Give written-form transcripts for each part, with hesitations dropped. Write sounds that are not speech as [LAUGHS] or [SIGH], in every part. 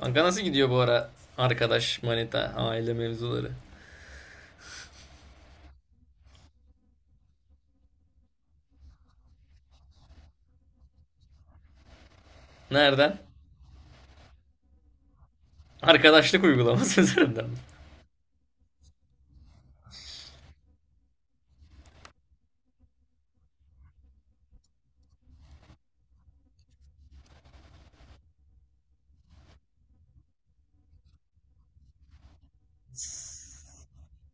Kanka nasıl gidiyor bu ara arkadaş, manita, aile mevzuları? Nereden? Arkadaşlık uygulaması [LAUGHS] üzerinden.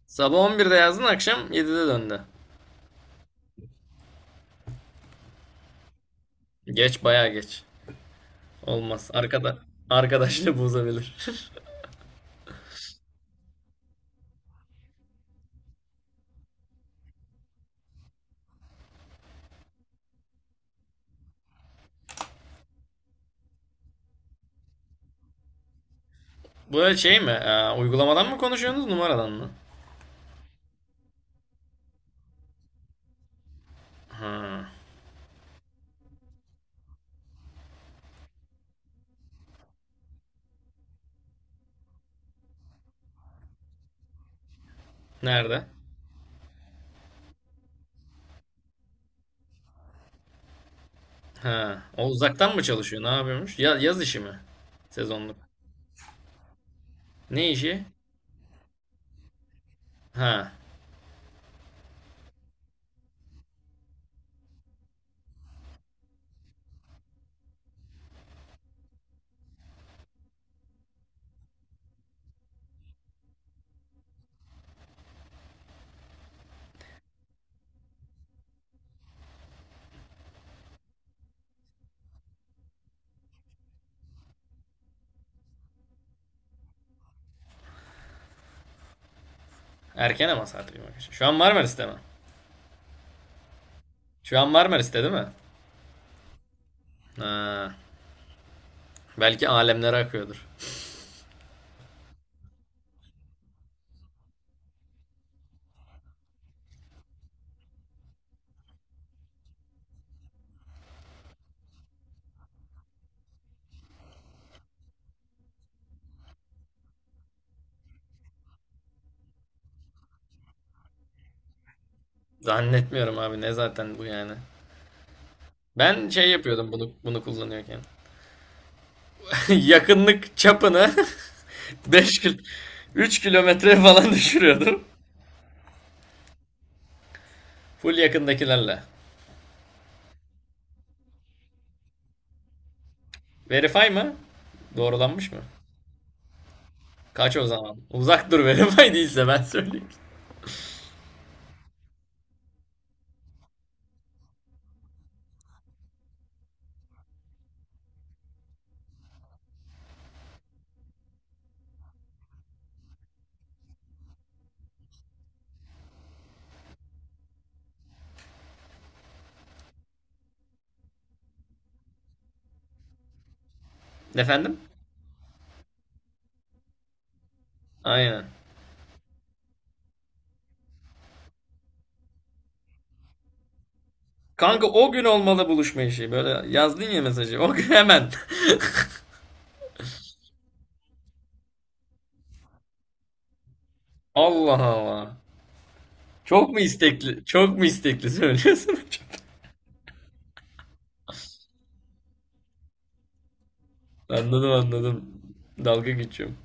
Sabah 11'de yazdın, akşam 7'de döndü. Geç, bayağı geç. Olmaz. Arkadaşlığı bozabilir. Bu şey mi? Uygulamadan mı konuşuyorsunuz numaradan mı? Ha. Nerede? Ha. O uzaktan mı çalışıyor? Ne yapıyormuş? Ya, yaz işi mi? Sezonluk. Ne işi? Ha. Erken ama saat bir. Şu an Marmaris'te mi? Şu an Marmaris'te değil mi? Ha. Belki alemlere akıyordur. Zannetmiyorum abi, ne zaten bu yani. Ben şey yapıyordum bunu kullanıyorken. [LAUGHS] Yakınlık çapını [LAUGHS] 5 kil 3 kilometre falan düşürüyordum. Full yakındakilerle. Verify mı? Doğrulanmış mı? Kaç o zaman? Uzak dur, verify değilse ben söyleyeyim. Efendim? Aynen. Kanka o gün olmalı buluşma işi. Böyle yazdın ya mesajı. O gün hemen. [LAUGHS] Allah Allah. Çok mu istekli? Çok mu istekli söylüyorsun? [LAUGHS] Anladım anladım. Dalga geçiyorum.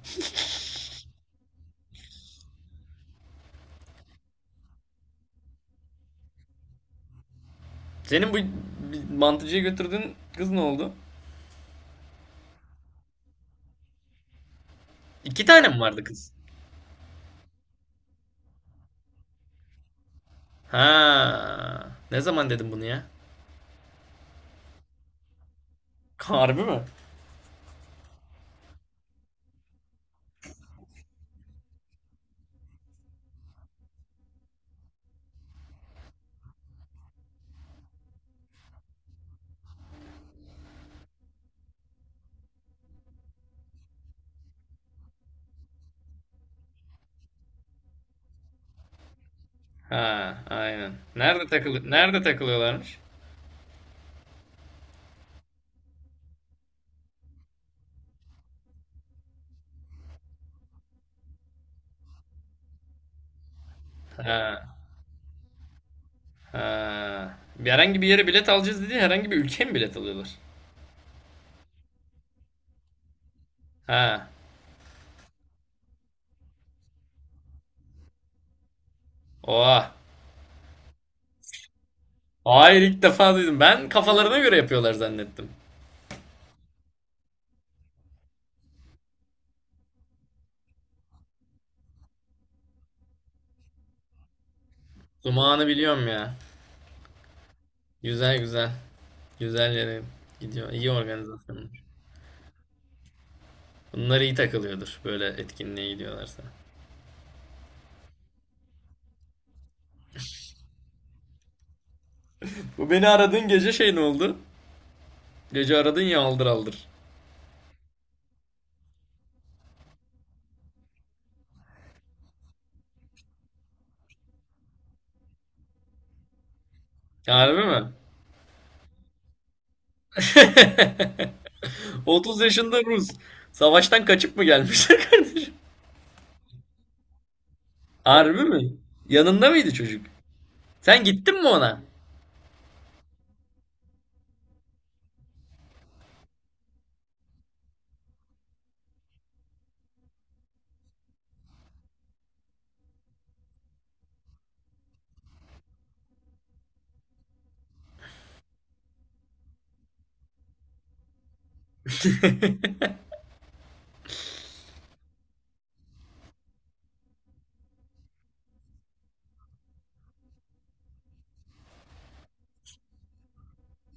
Senin bu bir mantıcıya götürdüğün kız ne oldu? İki tane mi vardı kız? Ha. Ne zaman dedim bunu ya? Harbi mi? Ha, aynen. Nerede takılıyorlarmış? Ha. Ha. Herhangi bir yere bilet alacağız dedi. Herhangi bir ülkeye mi bilet alıyorlar? Ha. Oha. Hayır, ilk defa duydum. Ben kafalarına göre yapıyorlar zannettim. Zumağını biliyorum ya. Güzel güzel. Güzel yere gidiyor. İyi organizasyon. Bunlar iyi takılıyordur böyle etkinliğe gidiyorlarsa. Bu beni aradığın gece şey ne oldu? Gece aradın ya, aldır aldır. Harbi mi? [LAUGHS] 30 yaşında Rus. Savaştan kaçıp mı gelmişler [LAUGHS] kardeşim? Harbi mi? Yanında mıydı çocuk? Sen gittin mi ona? [LAUGHS]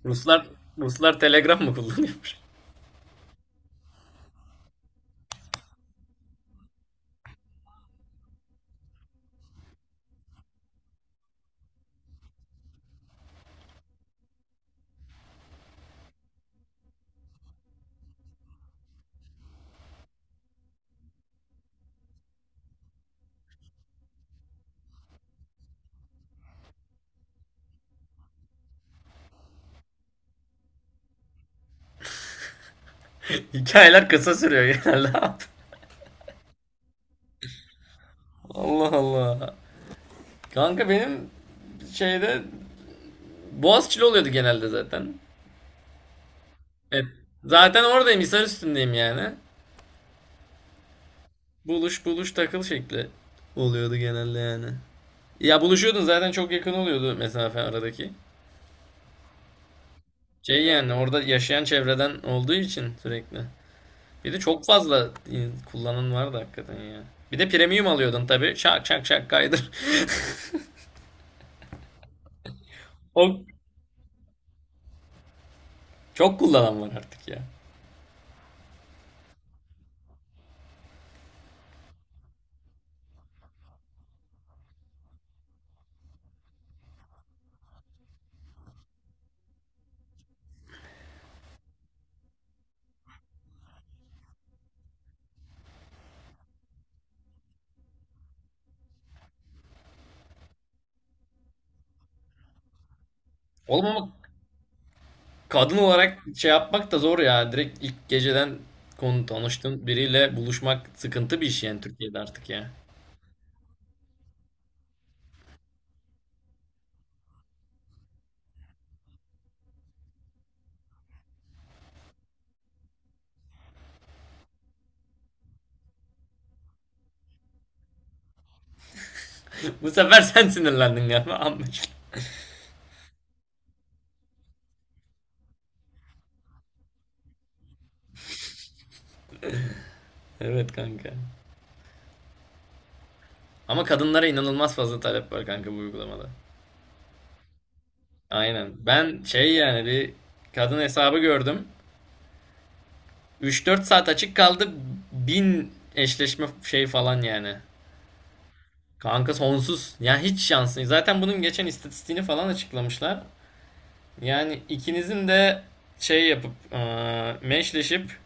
Ruslar Ruslar Telegram mı kullanıyormuş? [LAUGHS] Hikayeler kısa sürüyor genelde. [LAUGHS] Allah Allah. Kanka benim şeyde Boğaziçi'li oluyordu genelde zaten. Evet. Zaten oradayım, Hisar üstündeyim yani. Buluş buluş takıl şekli oluyordu genelde yani. Ya buluşuyordun zaten, çok yakın oluyordu mesafe aradaki. Şey yani orada yaşayan çevreden olduğu için sürekli. Bir de çok fazla kullanan vardı hakikaten ya. Bir de premium alıyordun tabii. Şak şak şak kaydır. [LAUGHS] O çok kullanan var artık ya. Oğlum ama kadın olarak şey yapmak da zor ya. Direkt ilk geceden konu tanıştığın biriyle buluşmak sıkıntı bir iş yani Türkiye'de artık ya. [LAUGHS] Bu sefer sen sinirlendin galiba, [LAUGHS] anlaşıldı. Evet kanka. Ama kadınlara inanılmaz fazla talep var kanka bu uygulamada. Aynen. Ben şey yani bir kadın hesabı gördüm. 3-4 saat açık kaldı. 1.000 eşleşme şey falan yani. Kanka sonsuz. Ya hiç şansın. Zaten bunun geçen istatistiğini falan açıklamışlar. Yani ikinizin de şey yapıp meşleşip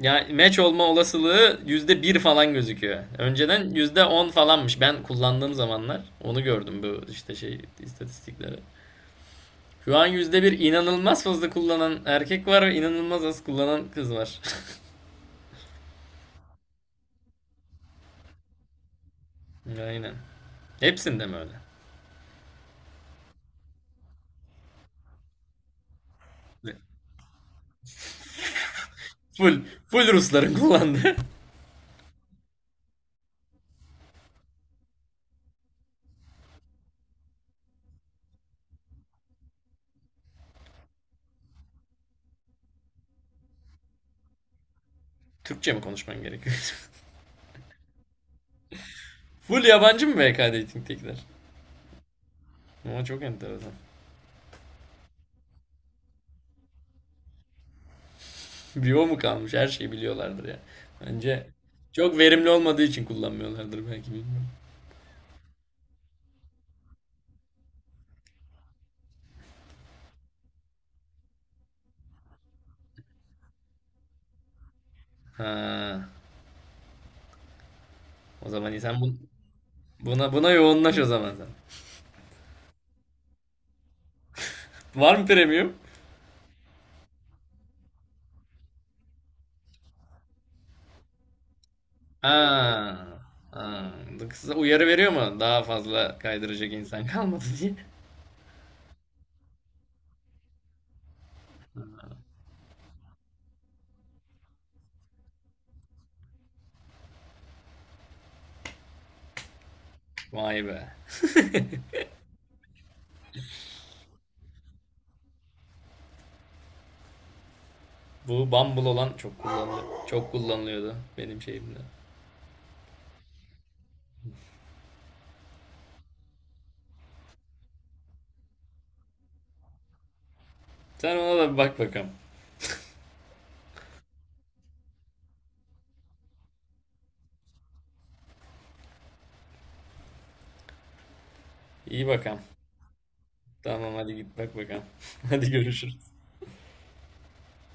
yani meç olma olasılığı %1 falan gözüküyor. Önceden %10 falanmış. Ben kullandığım zamanlar onu gördüm bu işte şey istatistikleri. Şu an yüzde bir, inanılmaz fazla kullanan erkek var ve inanılmaz az kullanan kız var. [LAUGHS] Aynen. Hepsinde mi öyle? Full, full Rusların kullandığı. [LAUGHS] Türkçe mi konuşman gerekiyor? [LAUGHS] Full yabancı mı VK Dating'tekiler? Ama çok enteresan. Bio mu kalmış? Her şeyi biliyorlardır ya. Bence çok verimli olmadığı için kullanmıyorlardır belki bilmiyorum. Ha, o zaman iyi. Buna yoğunlaş o zaman sen. Var mı premium? Ha. Ha. Kısa uyarı veriyor mu? Daha fazla kaydıracak insan kalmadı diye. [LAUGHS] Vay be. Bu Bumble olan çok kullanılıyor. Çok kullanılıyordu benim şeyimde. Sen ona da bir bak bakalım. İyi bakalım. Tamam hadi git bak bakalım. [LAUGHS] Hadi görüşürüz.